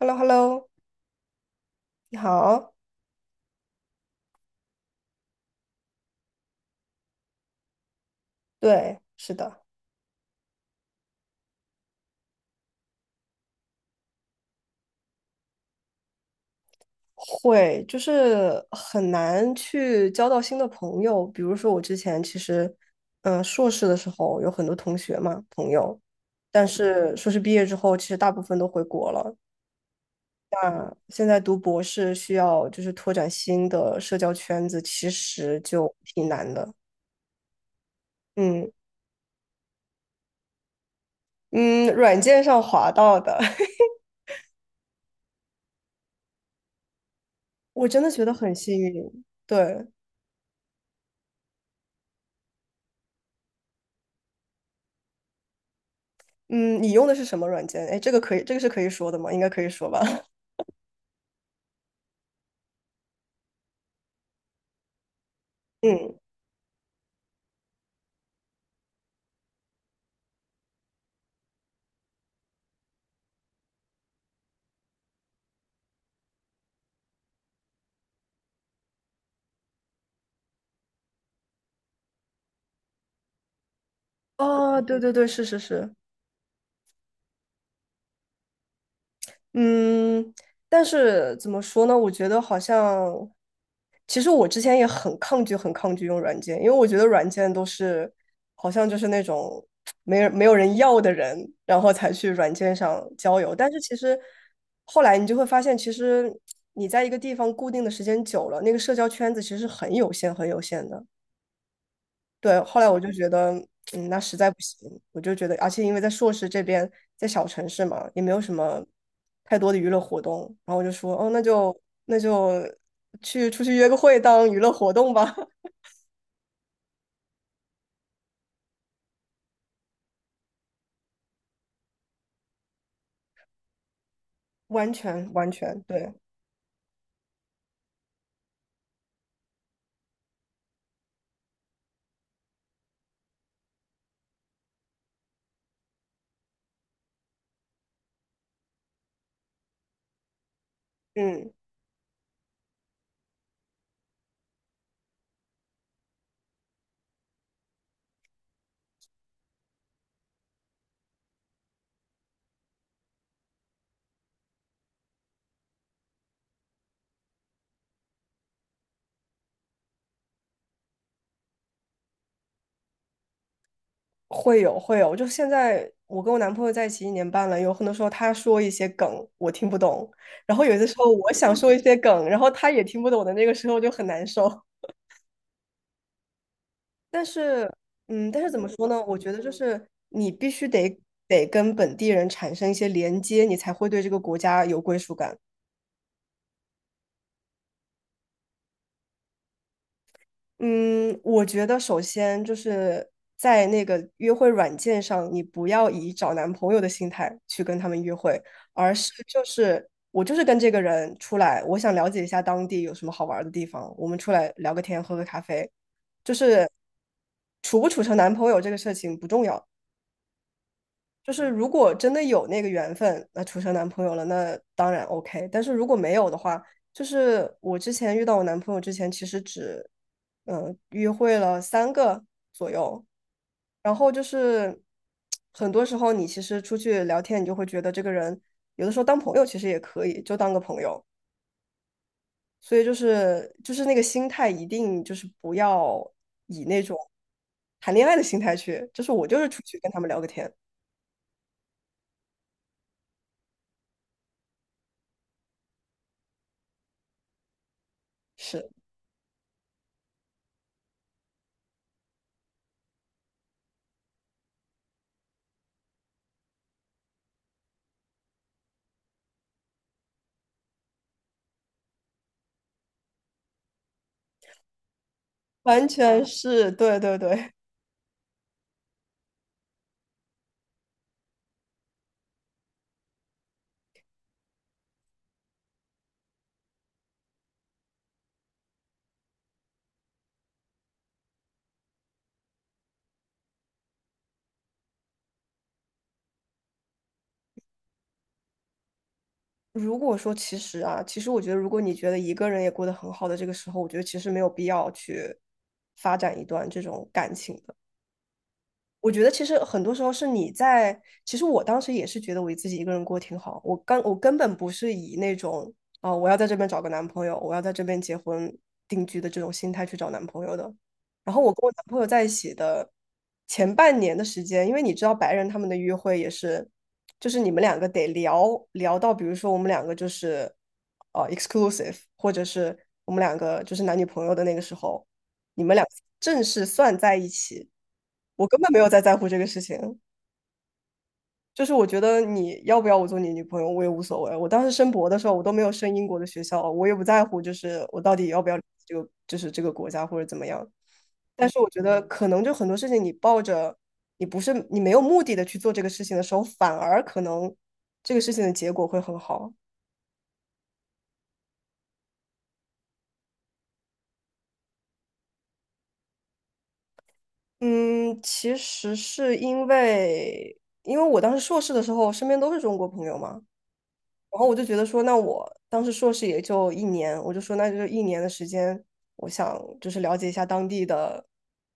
h e l l o h e l l o 你好。对，是的，会，就是很难去交到新的朋友。比如说，我之前其实，硕士的时候有很多同学嘛，朋友，但是硕士毕业之后，其实大部分都回国了。那现在读博士需要就是拓展新的社交圈子，其实就挺难的。嗯嗯，软件上滑到的，我真的觉得很幸运。对，嗯，你用的是什么软件？哎，这个可以，这个是可以说的吗？应该可以说吧。嗯，哦，对对对，是是是。嗯，但是怎么说呢？我觉得好像，其实我之前也很抗拒，很抗拒用软件，因为我觉得软件都是好像就是那种没有人要的人，然后才去软件上交友。但是其实后来你就会发现，其实你在一个地方固定的时间久了，那个社交圈子其实是很有限、很有限的。对，后来我就觉得，那实在不行，我就觉得，而且因为在硕士这边，在小城市嘛，也没有什么太多的娱乐活动，然后我就说，哦，那就去出去约个会当娱乐活动吧，完全完全对，嗯，会有会有，就现在我跟我男朋友在一起1年半了，有很多时候他说一些梗我听不懂，然后有的时候我想说一些梗，然后他也听不懂的那个时候就很难受。但是，但是怎么说呢？我觉得就是你必须得跟本地人产生一些连接，你才会对这个国家有归属感。嗯，我觉得首先就是在那个约会软件上，你不要以找男朋友的心态去跟他们约会，而是就是我就是跟这个人出来，我想了解一下当地有什么好玩儿的地方，我们出来聊个天，喝个咖啡，就是处不处成男朋友这个事情不重要，就是如果真的有那个缘分，那处成男朋友了，那当然 OK。但是如果没有的话，就是我之前遇到我男朋友之前，其实只约会了3个左右，然后就是很多时候你其实出去聊天，你就会觉得这个人有的时候当朋友其实也可以，就当个朋友。所以就是那个心态一定就是不要以那种谈恋爱的心态去，就是我就是出去跟他们聊个天，是。完全是，对对对。如果说其实我觉得，如果你觉得一个人也过得很好的这个时候，我觉得其实没有必要去发展一段这种感情的。我觉得其实很多时候是其实我当时也是觉得我自己一个人过挺好，我根本不是以那种我要在这边找个男朋友，我要在这边结婚定居的这种心态去找男朋友的。然后我跟我男朋友在一起的前半年的时间，因为你知道白人他们的约会也是，就是你们两个得聊到，比如说我们两个就是exclusive，或者是我们两个就是男女朋友的那个时候。你们俩正式算在一起，我根本没有在乎这个事情。就是我觉得你要不要我做你女朋友，我也无所谓。我当时申博的时候，我都没有申英国的学校，我也不在乎，就是我到底要不要这个，就是这个国家或者怎么样。但是我觉得，可能就很多事情，你抱着你不是你没有目的的去做这个事情的时候，反而可能这个事情的结果会很好。嗯，其实是因为我当时硕士的时候，身边都是中国朋友嘛，然后我就觉得说，那我当时硕士也就一年，我就说那就一年的时间，我想就是了解一下当地的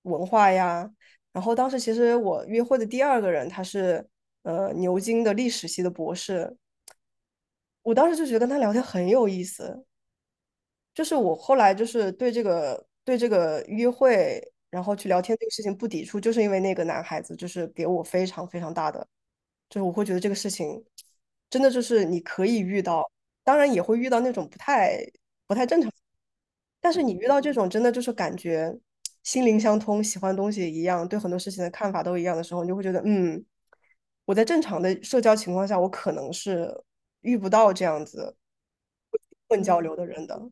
文化呀。然后当时其实我约会的第二个人，他是牛津的历史系的博士，我当时就觉得跟他聊天很有意思。就是我后来就是对这个约会，然后去聊天这个事情不抵触，就是因为那个男孩子就是给我非常非常大的就是我会觉得这个事情真的就是你可以遇到，当然也会遇到那种不太正常，但是你遇到这种真的就是感觉心灵相通，喜欢东西一样，对很多事情的看法都一样的时候，你就会觉得，我在正常的社交情况下，我可能是遇不到这样子混交流的人的。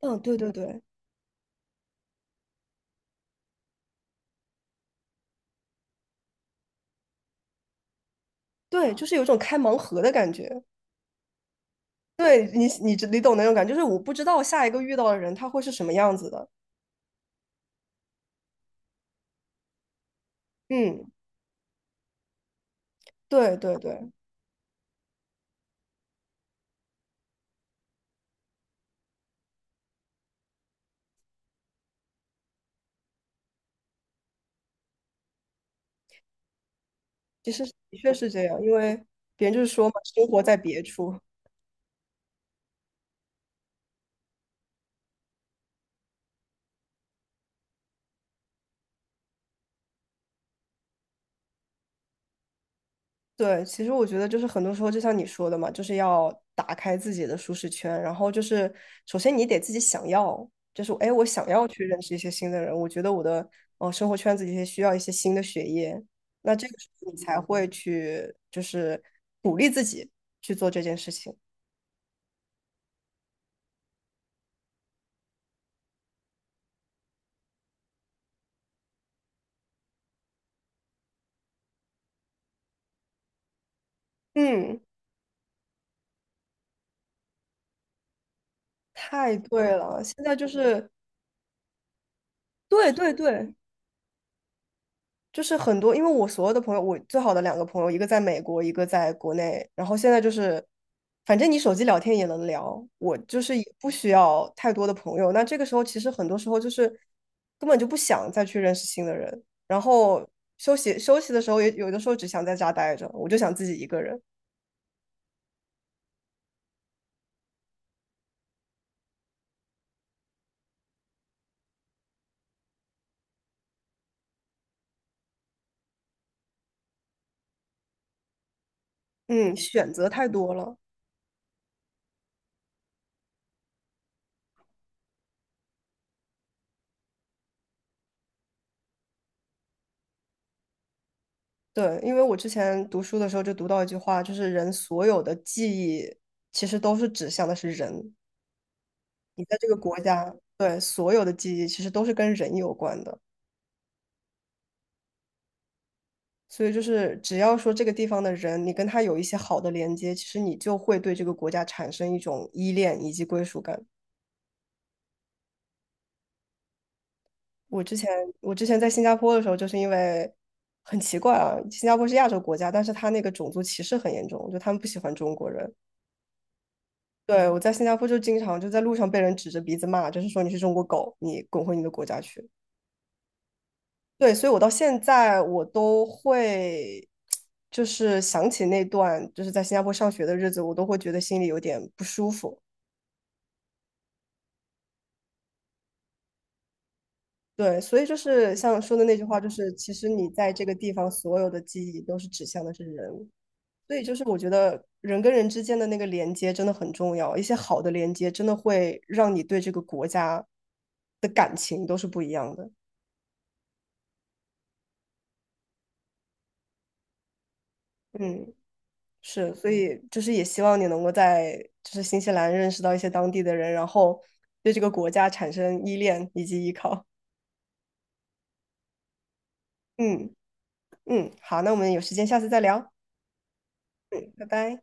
嗯，对对对对，就是有一种开盲盒的感觉。对你，你懂那种感觉，就是我不知道下一个遇到的人他会是什么样子的。嗯，对对对，其实的确是这样，因为别人就是说嘛，生活在别处。对，其实我觉得就是很多时候，就像你说的嘛，就是要打开自己的舒适圈，然后就是首先你得自己想要，就是哎，诶我想要去认识一些新的人，我觉得我的生活圈子里面需要一些新的血液，那这个时候你才会去就是鼓励自己去做这件事情。嗯，太对了，现在就是对对对，就是很多，因为我所有的朋友，我最好的两个朋友，一个在美国，一个在国内。然后现在就是，反正你手机聊天也能聊，我就是也不需要太多的朋友。那这个时候，其实很多时候就是根本就不想再去认识新的人。然后休息休息的时候也，有的时候只想在家待着，我就想自己一个人。嗯，选择太多了。对，因为我之前读书的时候就读到一句话，就是人所有的记忆其实都是指向的是人。你在这个国家，对，所有的记忆其实都是跟人有关的。所以就是只要说这个地方的人，你跟他有一些好的连接，其实你就会对这个国家产生一种依恋以及归属感。我之前我之前在新加坡的时候，就是因为很奇怪啊，新加坡是亚洲国家，但是他那个种族歧视很严重，就他们不喜欢中国人。对，我在新加坡就经常就在路上被人指着鼻子骂，就是说你是中国狗，你滚回你的国家去。对，所以我到现在我都会，就是想起那段就是在新加坡上学的日子，我都会觉得心里有点不舒服。对，所以就是像说的那句话，就是其实你在这个地方所有的记忆都是指向的是人，所以就是我觉得人跟人之间的那个连接真的很重要，一些好的连接真的会让你对这个国家的感情都是不一样的。嗯。是，所以就是也希望你能够在就是新西兰认识到一些当地的人，然后对这个国家产生依恋以及依靠。嗯嗯，好，那我们有时间下次再聊。嗯，拜拜。